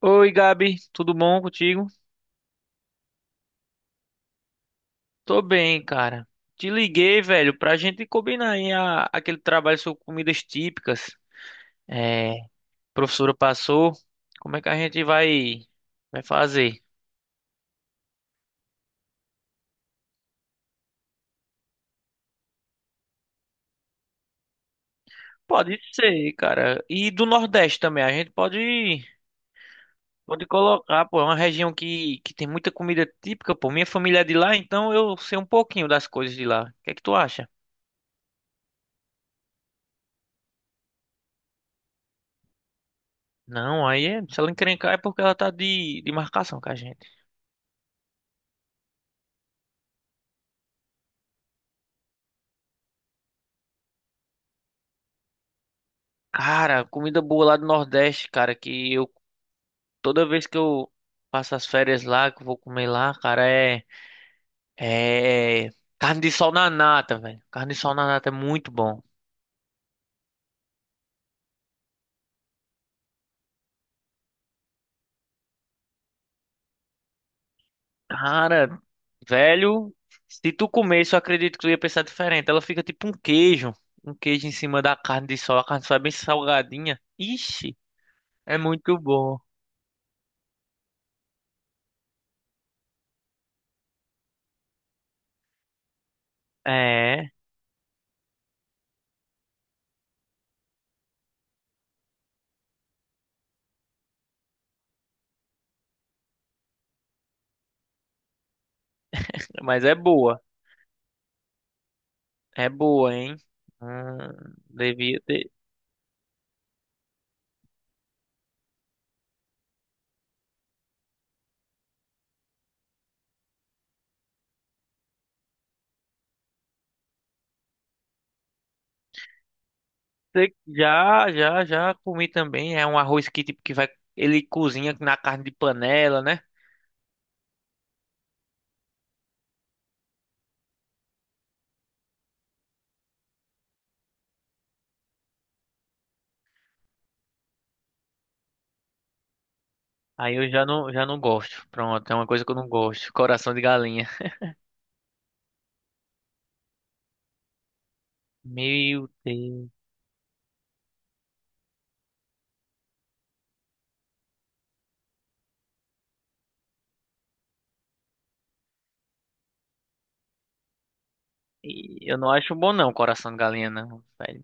Oi, Gabi, tudo bom contigo? Tô bem, cara. Te liguei, velho, pra gente combinar aí aquele trabalho sobre comidas típicas. É, a professora passou. Como é que a gente vai fazer? Pode ser, cara. E do Nordeste também, a gente pode colocar, pô, é uma região que tem muita comida típica, pô. Minha família é de lá, então eu sei um pouquinho das coisas de lá. O que é que tu acha? Não, aí é, se ela encrencar é porque ela tá de marcação com a gente. Cara, comida boa lá do Nordeste, cara, que eu toda vez que eu passo as férias lá, que eu vou comer lá, cara, é carne de sol na nata, velho. Carne de sol na nata é muito bom. Cara, velho, se tu comesse, eu acredito que tu ia pensar diferente. Ela fica tipo um queijo em cima da carne de sol. A carne de sol é bem salgadinha. Ixi, é muito bom. É, mas é boa. É boa, hein? Devia ter. Já, já, já comi também. É um arroz que tipo que vai, ele cozinha na carne de panela, né? Aí eu já não gosto. Pronto, é uma coisa que eu não gosto. Coração de galinha. Meu Deus. E eu não acho bom não, coração de galinha não, velho.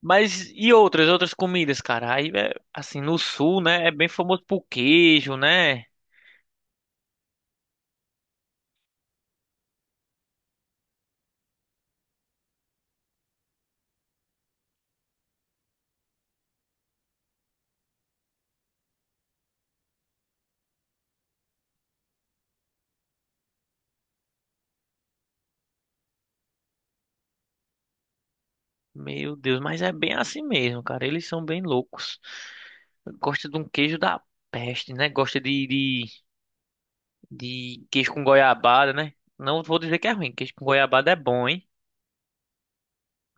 Mas e outras, outras comidas, cara? Aí, é, assim, no sul, né, é bem famoso por queijo, né? Meu Deus, mas é bem assim mesmo, cara. Eles são bem loucos. Gosta de um queijo da peste, né? Gosta de, de queijo com goiabada, né? Não vou dizer que é ruim, queijo com goiabada é bom, hein?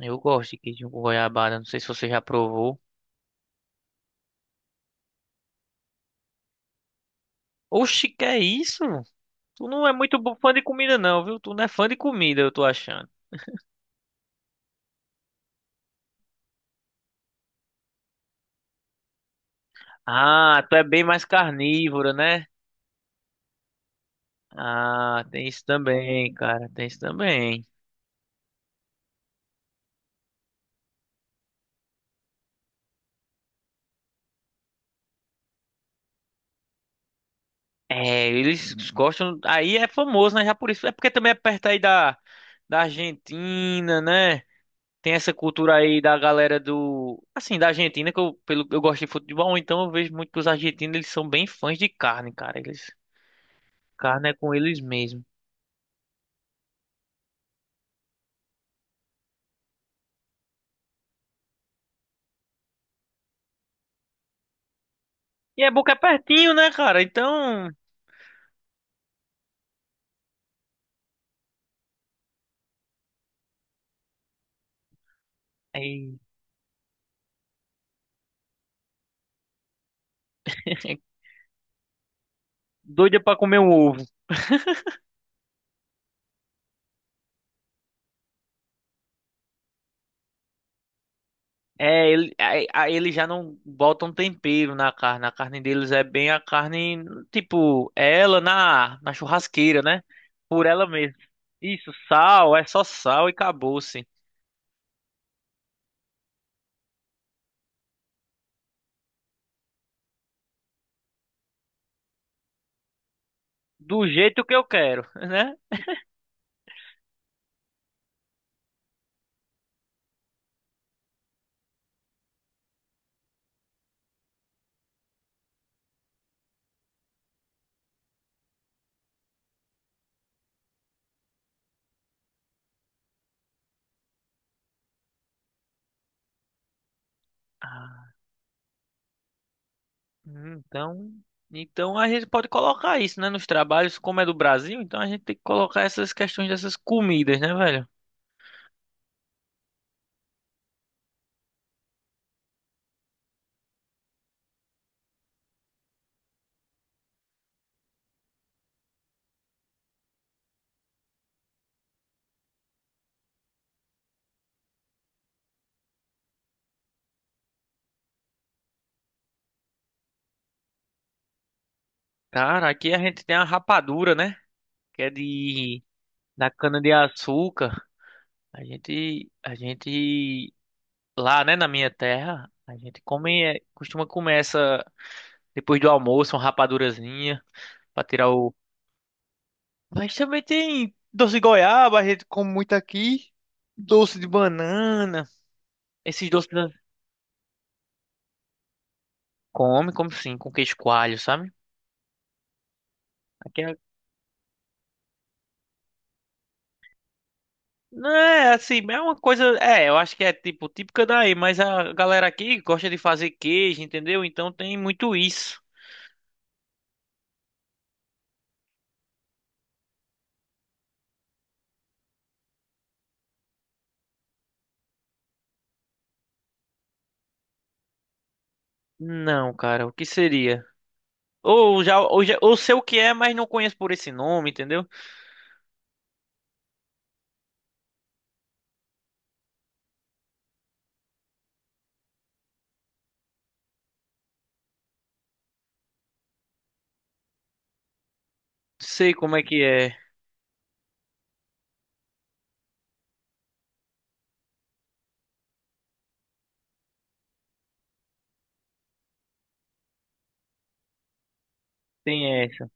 Eu gosto de queijo com goiabada, não sei se você já provou. Oxi, que é isso? Tu não é muito fã de comida não, viu? Tu não é fã de comida, eu tô achando. Ah, tu é bem mais carnívoro, né? Ah, tem isso também, cara, tem isso também. É, eles gostam, aí é famoso, né? Já por isso, é porque também é perto aí da Argentina, né? Tem essa cultura aí da galera do, assim, da Argentina, que eu, pelo, eu gosto de futebol, então eu vejo muito que os argentinos, eles são bem fãs de carne, cara. Eles, carne é com eles mesmo. E é boca é pertinho, né, cara? Então, aí, doida pra comer um ovo. É, ele, aí, aí eles já não botam tempero na carne. A carne deles é bem a carne, tipo, é ela na churrasqueira, né? Por ela mesmo. Isso, sal, é só sal e acabou-se. Do jeito que eu quero, né? Ah. Então, então a gente pode colocar isso, né, nos trabalhos, como é do Brasil, então a gente tem que colocar essas questões dessas comidas, né, velho? Cara, aqui a gente tem a rapadura, né, que é de da cana de açúcar. A gente lá, né, na minha terra, a gente come é, costuma comer essa depois do almoço, uma rapadurazinha pra tirar o. Mas também tem doce de goiaba, a gente come muito aqui, doce de banana, esses doces. Come, como sim, com queijo coalho, sabe? Aqui é, não é assim, é uma coisa. É, eu acho que é tipo típica daí, mas a galera aqui gosta de fazer queijo, entendeu? Então tem muito isso. Não, cara, o que seria? Ou já, ou já, ou sei o que é, mas não conheço por esse nome, entendeu? Sei como é que é. Tem essa.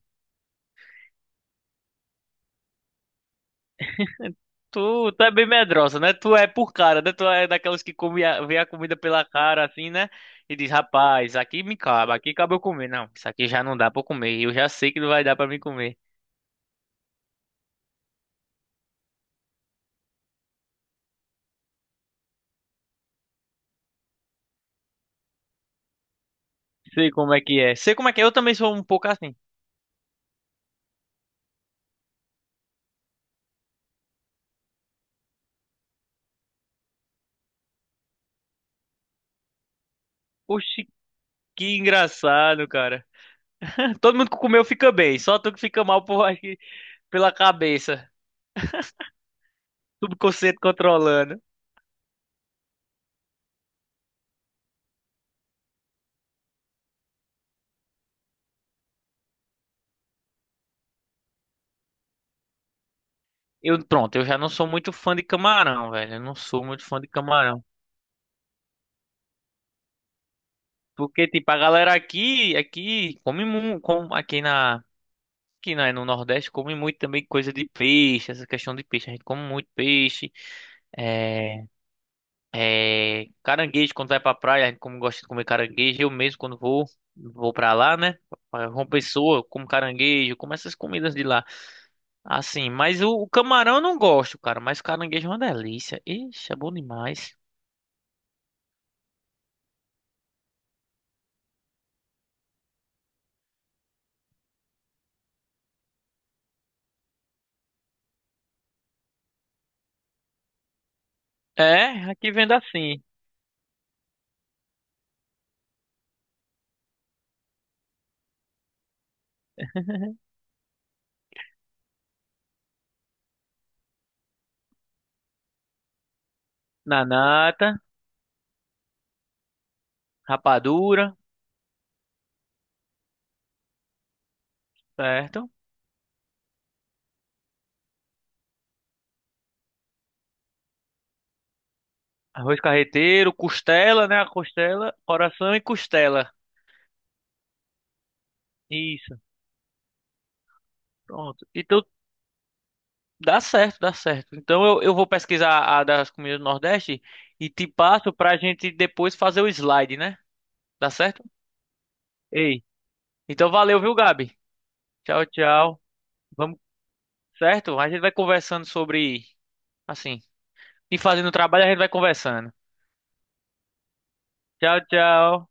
Tu, tu é bem medrosa, né? Tu é por cara, né? Tu é daquelas que come a, vê a comida pela cara, assim, né? E diz, rapaz, aqui me cabe, aqui cabe eu comer. Não, isso aqui já não dá pra eu comer. Eu já sei que não vai dar pra mim comer. Sei como é que é. Sei como é que é. Eu também sou um pouco assim. Oxi, que engraçado, cara. Todo mundo que comeu fica bem. Só tu que fica mal por aqui, pela cabeça. Subconsciente controlando. Eu, pronto, eu já não sou muito fã de camarão, velho. Eu não sou muito fã de camarão. Porque, tipo, a galera aqui, aqui, come muito. Aqui na. Aqui na, no Nordeste come muito também coisa de peixe, essa questão de peixe. A gente come muito peixe. É, é, caranguejo quando vai pra praia, a gente como gosta de comer caranguejo, eu mesmo quando vou, vou pra lá, né? Pra uma pessoa, eu como caranguejo, como essas comidas de lá. Assim, mas o camarão eu não gosto, cara, mas o caranguejo é uma delícia. Ixi, é bom demais. É, aqui vendo assim, nanata, rapadura, certo? Arroz carreteiro, costela, né? A costela, coração e costela. Isso, pronto. E tu. Dá certo, dá certo. Então eu vou pesquisar a das comidas do Nordeste e te passo pra gente depois fazer o slide, né? Dá certo? Ei. Então valeu, viu, Gabi? Tchau, tchau. Vamos, certo? A gente vai conversando sobre, assim, e fazendo o trabalho a gente vai conversando. Tchau, tchau.